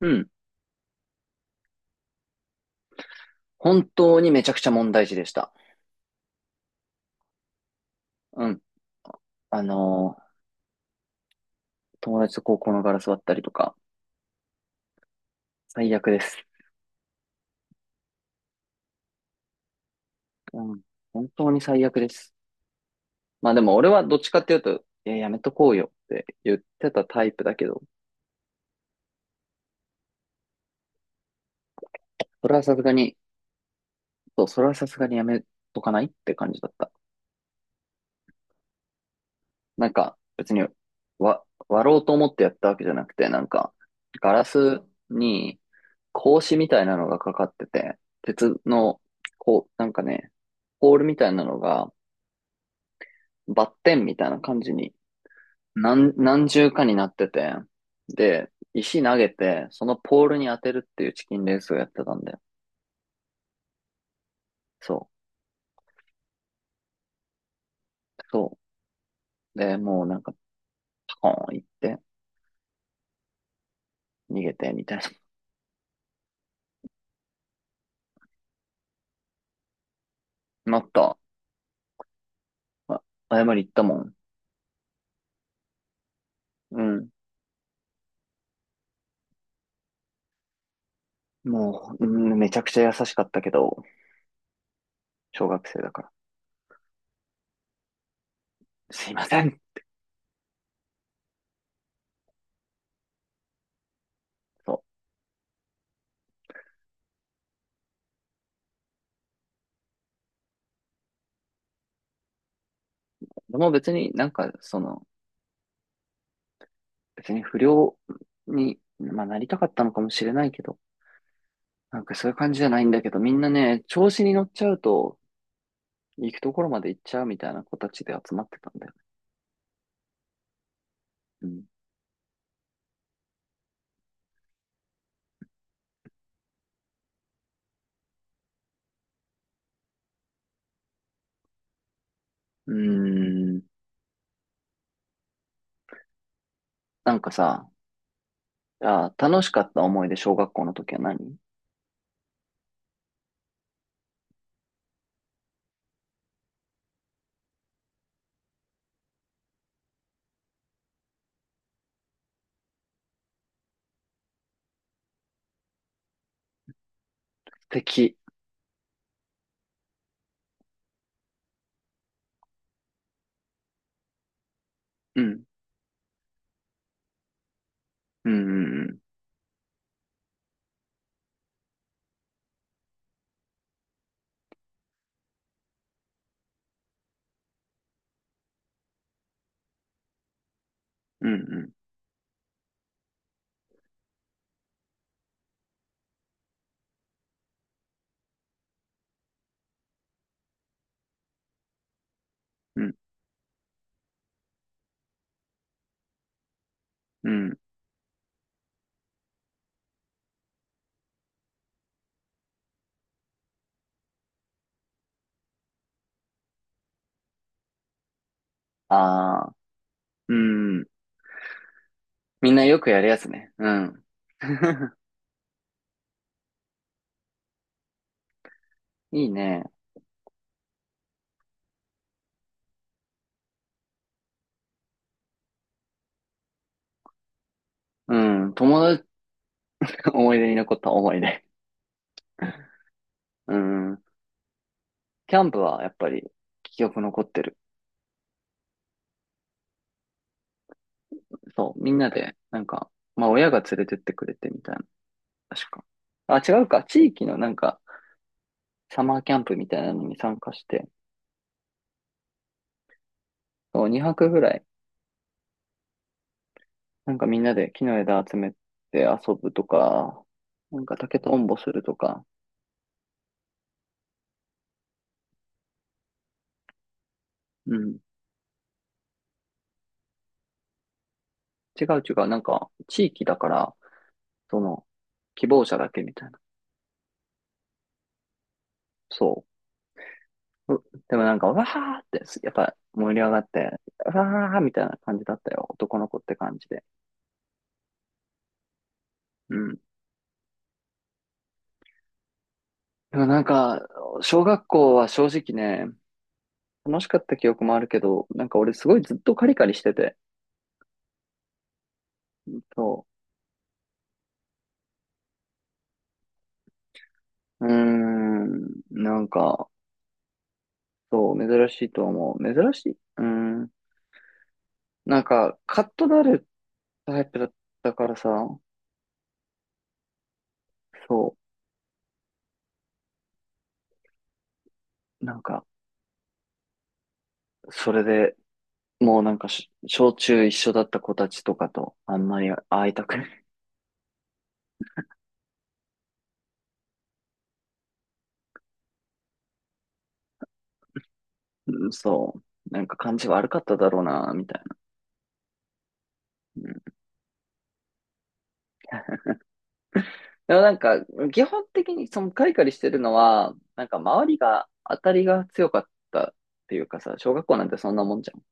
うん。本当にめちゃくちゃ問題児でした。うん。あのー友達と高校のガラス割ったりとか、最悪です。うん。本当に最悪です。まあでも俺はどっちかっていうと、いや、やめとこうよって言ってたタイプだけど、それはさすがに、そう、それはさすがにやめとかないって感じだった。なんか、別に、割ろうと思ってやったわけじゃなくて、なんか、ガラスに、格子みたいなのがかかってて、鉄の、こう、なんかね、ポールみたいなのがバッテンみたいな感じに、何重かになってて、で、石投げて、そのポールに当てるっていうチキンレースをやってたんで、そう、そう。で、もうなんか、パコーン行って、逃げて、みたいな。なった。あ、謝り行ったもん。うん。もう、うん、めちゃくちゃ優しかったけど、小学生だから。すいません。そう。でも別になんか、別に不良に、まあ、なりたかったのかもしれないけど、なんかそういう感じじゃないんだけど、みんなね、調子に乗っちゃうと、行くところまで行っちゃうみたいな子たちで集まってたんだよね。うん。うーん。なんかさ、あー、楽しかった思い出、小学校の時は何？素敵。うん。うんうんうん。うんうん。うん。うん。ああ、うん。みんなよくやるやつね。うん。いいね。うん。友達、思い出に残った思い出。うん。キャンプはやっぱり記憶残ってる。そう。みんなで、なんか、まあ親が連れてってくれてみたいな確か。あ、違うか。地域のなんか、サマーキャンプみたいなのに参加して、2泊ぐらい、なんかみんなで木の枝集めて遊ぶとか、なんか竹とんぼするとか、うん。違う違う。なんか、地域だから、その、希望者だけみたいな。そう。でもなんか、わーって、やっぱ盛り上がって、わーみたいな感じだったよ。男の子って感じで。うん。でもなんか、小学校は正直ね、楽しかった記憶もあるけど、なんか俺すごいずっとカリカリしてて、そう。うーん、なんか、そう、珍しいと思う。珍しい。うーん、なんか、カッとなるタイプだったからさ、そう、なんか、それで、もうなんか小中一緒だった子たちとかと、あんまり会いたくない。うん、そう。なんか感じ悪かっただろうな、みたいな。うん。でもなんか、基本的にそのカリカリしてるのは、なんか周りが当たりが強かったっていうかさ、小学校なんてそんなもんじゃん。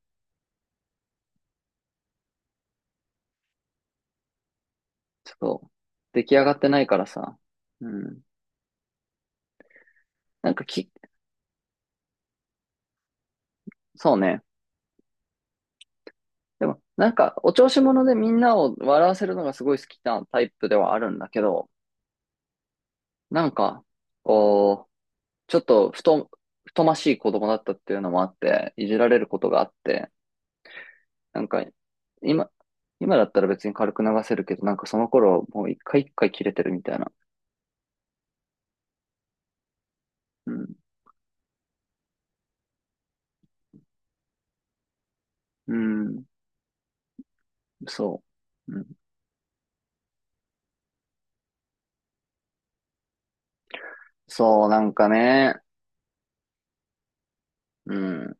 ちょっと、出来上がってないからさ。うん。なんかき、そうね。でも、なんか、お調子者でみんなを笑わせるのがすごい好きなタイプではあるんだけど、なんか、こう、ちょっと、ふと、太ましい子供だったっていうのもあって、いじられることがあって、なんか、今、今だったら別に軽く流せるけど、なんかその頃、もう一回一回切れてるみたいな。うん。うん。そう。うん。そう、なんかね。うん。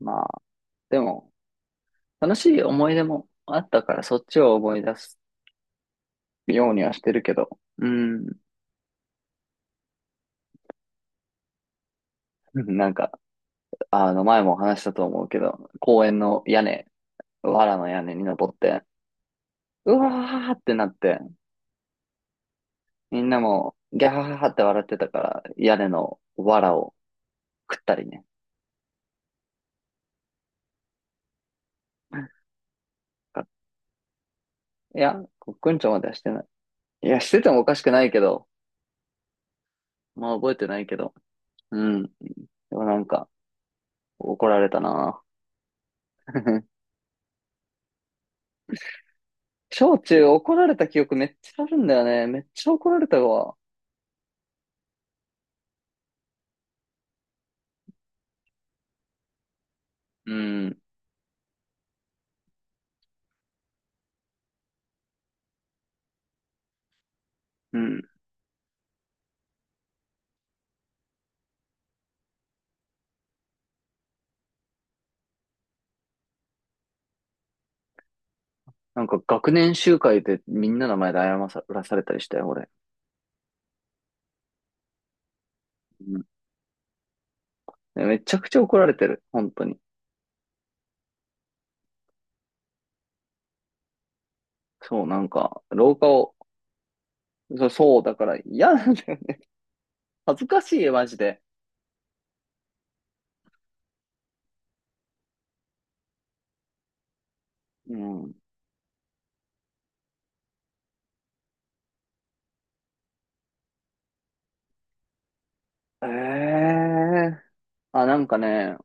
まあ、でも、楽しい思い出もあったから、そっちを思い出すようにはしてるけど。うん。なんか、あの、前も話したと思うけど、公園の屋根、藁の屋根に登って、うわーってなって、みんなも、ギャーって笑ってたから、屋根の藁を食ったりね。かいや、コックンチョまではしてない。いや、しててもおかしくないけど、まあ覚えてないけど。うん。でもなんか、怒られたな。小中怒られた記憶めっちゃあるんだよね。めっちゃ怒られたわ。うん。うん。なんか学年集会でみんなの前で謝らされたりしたよ、俺。うん。めちゃくちゃ怒られてる。本当に。そう、なんか、廊下を、そう、そうだから嫌なんだよね。恥ずかしいよ、マジで。うん。ええあ、なんかね、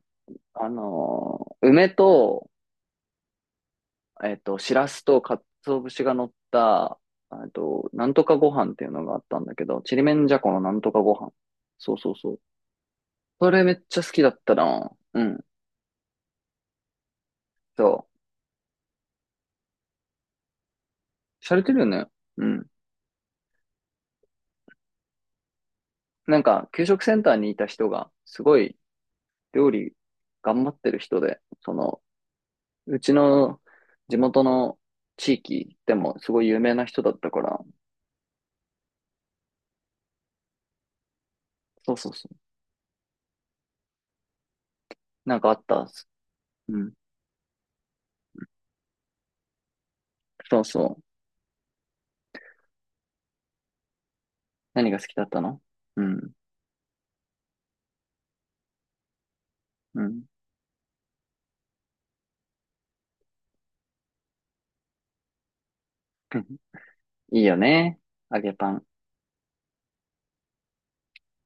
梅と、しらすと鰹節が乗った、なんとかご飯っていうのがあったんだけど、ちりめんじゃこのなんとかご飯。そうそうそう。それめっちゃ好きだったな。うん。そう。しゃれてるよね。うん。なんか、給食センターにいた人が、すごい料理頑張ってる人で、その、うちの地元の地域でもすごい有名な人だったから、そうそうそう。なんかあったっす。うん。そうそう。何が好きだったの？うん。うん。いいよね。揚げパン。